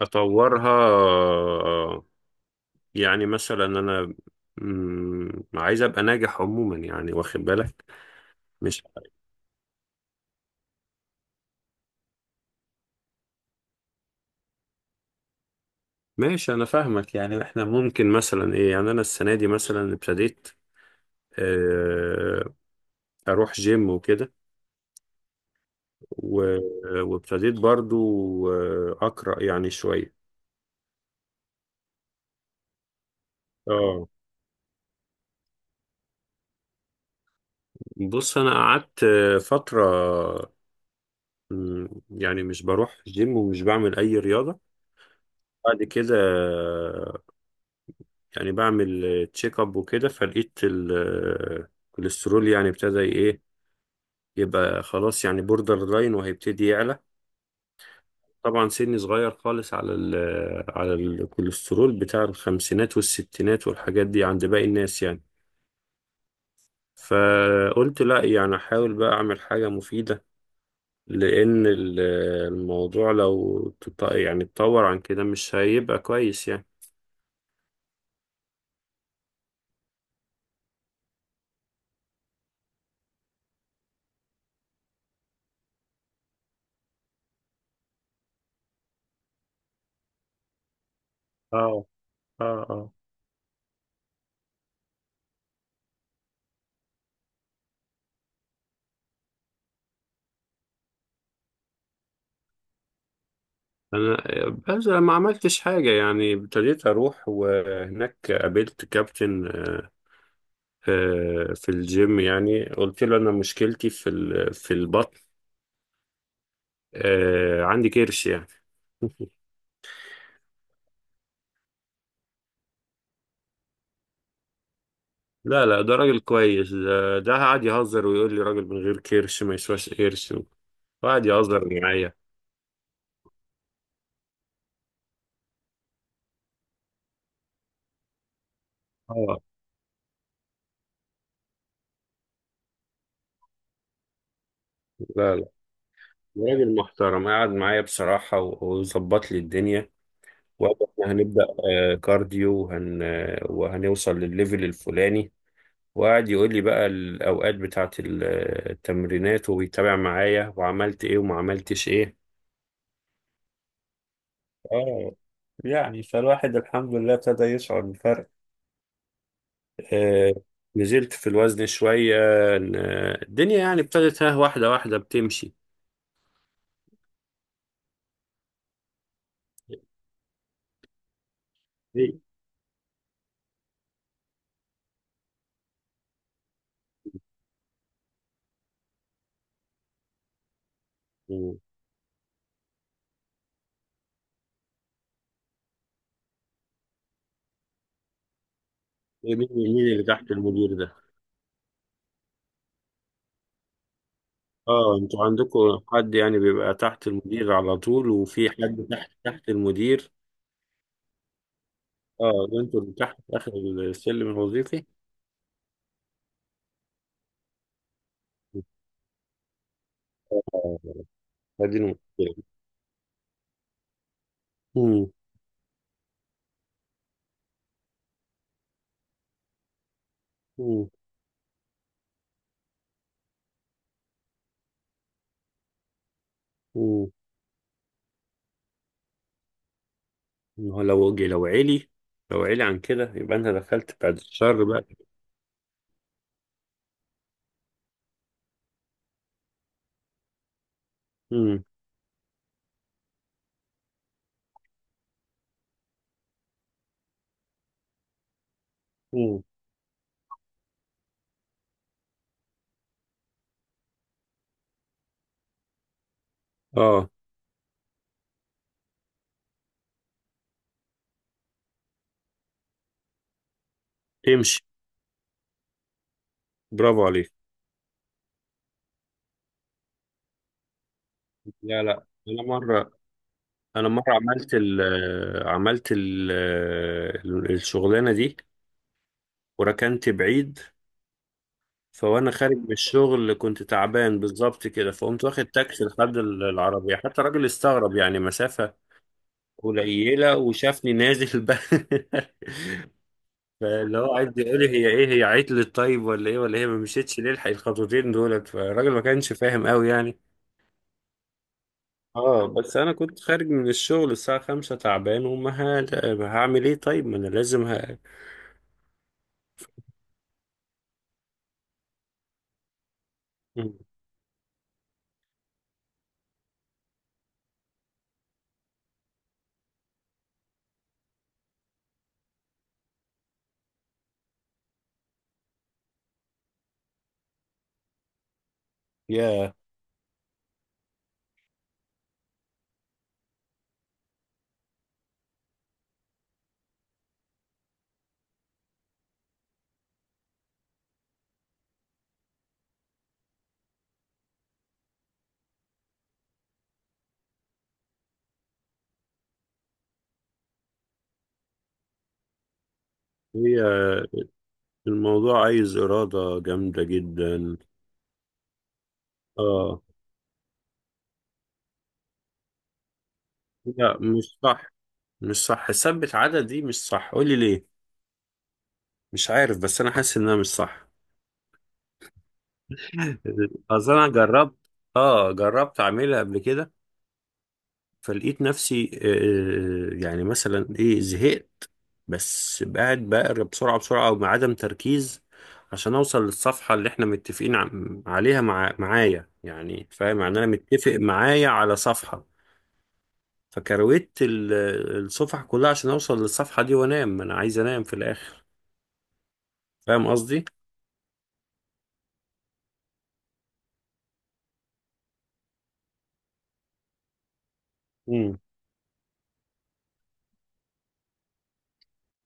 اطورها يعني مثلا انا عايز ابقى ناجح عموما، يعني واخد بالك. مش ماشي، انا فاهمك. يعني احنا ممكن مثلا ايه، يعني انا السنه دي مثلا ابتديت آه، اروح جيم وكده، و- وابتديت برضو اقرا يعني شويه. اه، بص، انا قعدت فتره يعني مش بروح جيم ومش بعمل اي رياضه. بعد كده يعني بعمل تشيك اب وكده، فلقيت الكوليسترول يعني ابتدى ايه، يبقى خلاص يعني بوردر لاين وهيبتدي يعلى. طبعا سني صغير خالص على ال على الكوليسترول بتاع الخمسينات والستينات والحاجات دي عند باقي الناس يعني. فقلت لا، يعني احاول بقى اعمل حاجة مفيدة، لان الموضوع لو يعني اتطور عن كده مش هيبقى كويس يعني. اه، اه، اه، انا بس ما عملتش حاجه، يعني ابتديت اروح، وهناك قابلت كابتن في الجيم. يعني قلت له انا مشكلتي في في البطن، عندي كرش يعني. لا لا، ده راجل كويس، ده ده قعد يهزر ويقول لي راجل من غير كرش ما يسواش قرش، وقعد يهزر معايا. اه، لا لا، راجل محترم، قعد معايا بصراحة وظبط لي الدنيا. وقال احنا هنبدأ كارديو، وهنوصل للليفل الفلاني. وقعد يقول لي بقى الأوقات بتاعة التمرينات، وبيتابع معايا وعملت إيه وما عملتش إيه. اه، يعني فالواحد الحمد لله ابتدى يشعر بالفرق. آه نزلت في الوزن شوية. الدنيا يعني ابتدت ها، واحدة واحدة بتمشي. إيه؟ مين اللي تحت المدير ده؟ اه، انتوا عندكم حد يعني بيبقى تحت المدير على طول، وفي حد تحت تحت المدير. اه، انتوا اللي تحت في آخر السلم الوظيفي. آه. هذه المشكلة. مم. مم. مم. ما هو لو عالي، لو عالي عن كده يبقى انت دخلت بعد الشر بقى. مم. مم. اه، امشي، برافو عليك. لا لا، انا مره، عملت ال عملت ال الشغلانه دي، وركنت بعيد. فوانا خارج من الشغل كنت تعبان بالظبط كده، فقمت واخد تاكسي لحد العربيه، حتى الراجل استغرب، يعني مسافه قليله وشافني نازل بقى. فاللي هو قاعد يقول لي هي ايه، هي عطلت طيب ولا ايه، ولا هي ما مشيتش ليه، الحق الخطوتين دولت. فالراجل ما كانش فاهم قوي يعني. اه، بس انا كنت خارج من الشغل الساعة 5 تعبان، وما هعمل ايه طيب، ما انا لازم مم. يا هي الموضوع عايز إرادة جامدة جدا. اه، لا مش صح، مش صح، ثبت عدد دي مش صح، قولي ليه. مش عارف بس انا حاسس انها مش صح. اصل انا جربت، اه جربت اعملها قبل كده، فلقيت نفسي يعني مثلا ايه زهقت، بس قاعد بقرا بسرعة بسرعة او بعدم تركيز، عشان اوصل للصفحة اللي احنا متفقين عليها معايا يعني. فاهم؟ يعني انا متفق معايا على صفحة، فكرويت الصفحة كلها عشان اوصل للصفحة دي وانام، انا عايز انام في الاخر. فاهم قصدي؟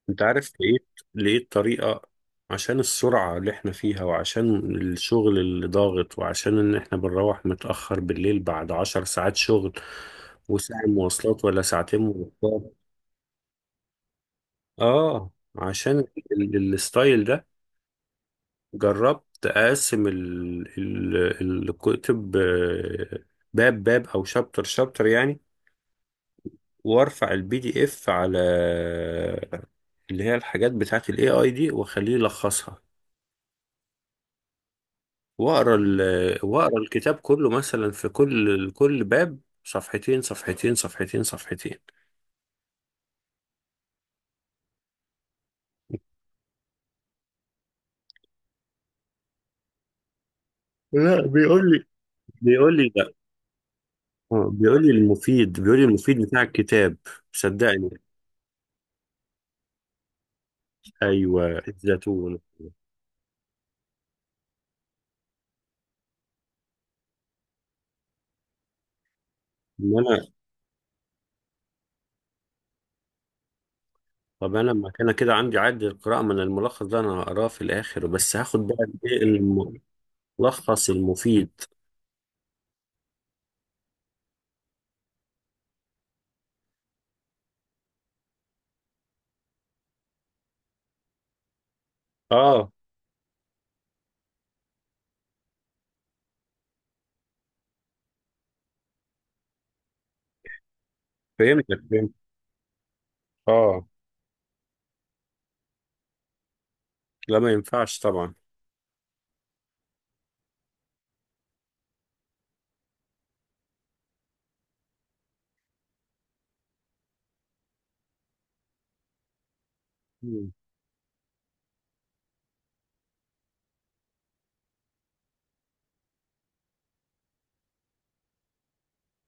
انت عارف، لقيت طريقة. عشان السرعة اللي احنا فيها، وعشان الشغل اللي ضاغط، وعشان ان احنا بنروح متأخر بالليل بعد 10 ساعات شغل، وساعة مواصلات ولا ساعتين مواصلات. اه، عشان الستايل ده، جربت اقسم الكتب باب باب او شابتر شابتر يعني، وارفع البي دي اف على اللي هي الحاجات بتاعت الاي اي دي واخليه يلخصها، واقرا واقرا الكتاب كله مثلا، في كل باب صفحتين صفحتين صفحتين صفحتين. لا، بيقول لي لا، بيقول لي المفيد، بتاع الكتاب، صدقني. ايوه الزيتون. ان انا طب انا لما كان كده عندي عد القراءه، من الملخص ده انا هقراه في الاخر، بس هاخد بقى ايه، الملخص المفيد. اه، فهمتك، فهمت. اه، لا ما ينفعش طبعا. مم.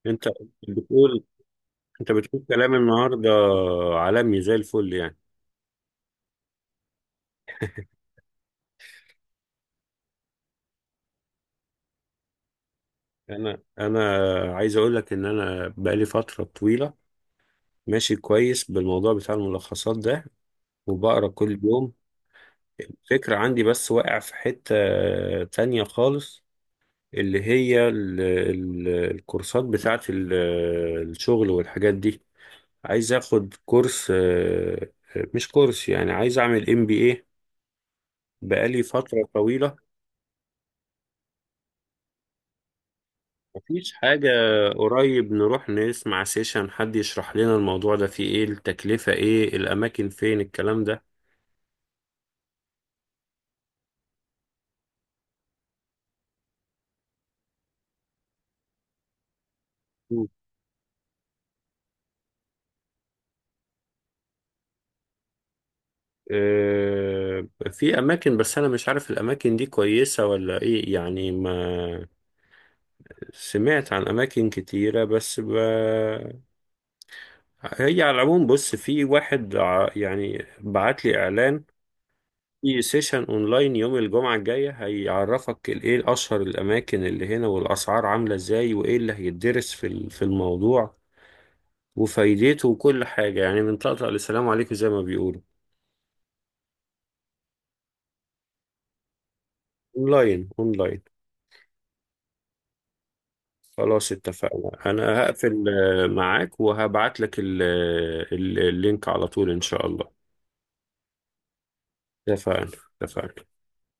انت بتقول انت بتقول كلام النهارده عالمي زي الفل يعني. انا عايز اقول لك ان انا بقالي فتره طويله ماشي كويس بالموضوع بتاع الملخصات ده، وبقرا كل يوم. الفكره عندي بس واقع في حته تانية خالص، اللي هي ال ال الكورسات بتاعه الشغل والحاجات دي. عايز اخد كورس مش كورس، يعني عايز اعمل ام بي اي بقالي فتره طويله، مفيش حاجة. قريب نروح نسمع سيشن حد يشرح لنا الموضوع ده، فيه ايه التكلفة، ايه الأماكن، فين الكلام ده. مم. آه، في أماكن، بس أنا مش عارف الأماكن دي كويسة ولا إيه يعني. ما سمعت عن أماكن كتيرة بس ب... هي على العموم بص، في واحد يعني بعت لي إعلان في سيشن اونلاين يوم الجمعة الجاية، هيعرفك ايه اشهر الاماكن اللي هنا، والاسعار عاملة ازاي، وايه اللي هيتدرس في في الموضوع وفايدته، وكل حاجة يعني، من طقطق لسلام عليكم زي ما بيقولوا. اونلاين اونلاين. خلاص اتفقنا، انا هقفل معاك، وهبعت لك اللينك على طول ان شاء الله. اتفقنا، اتفقنا.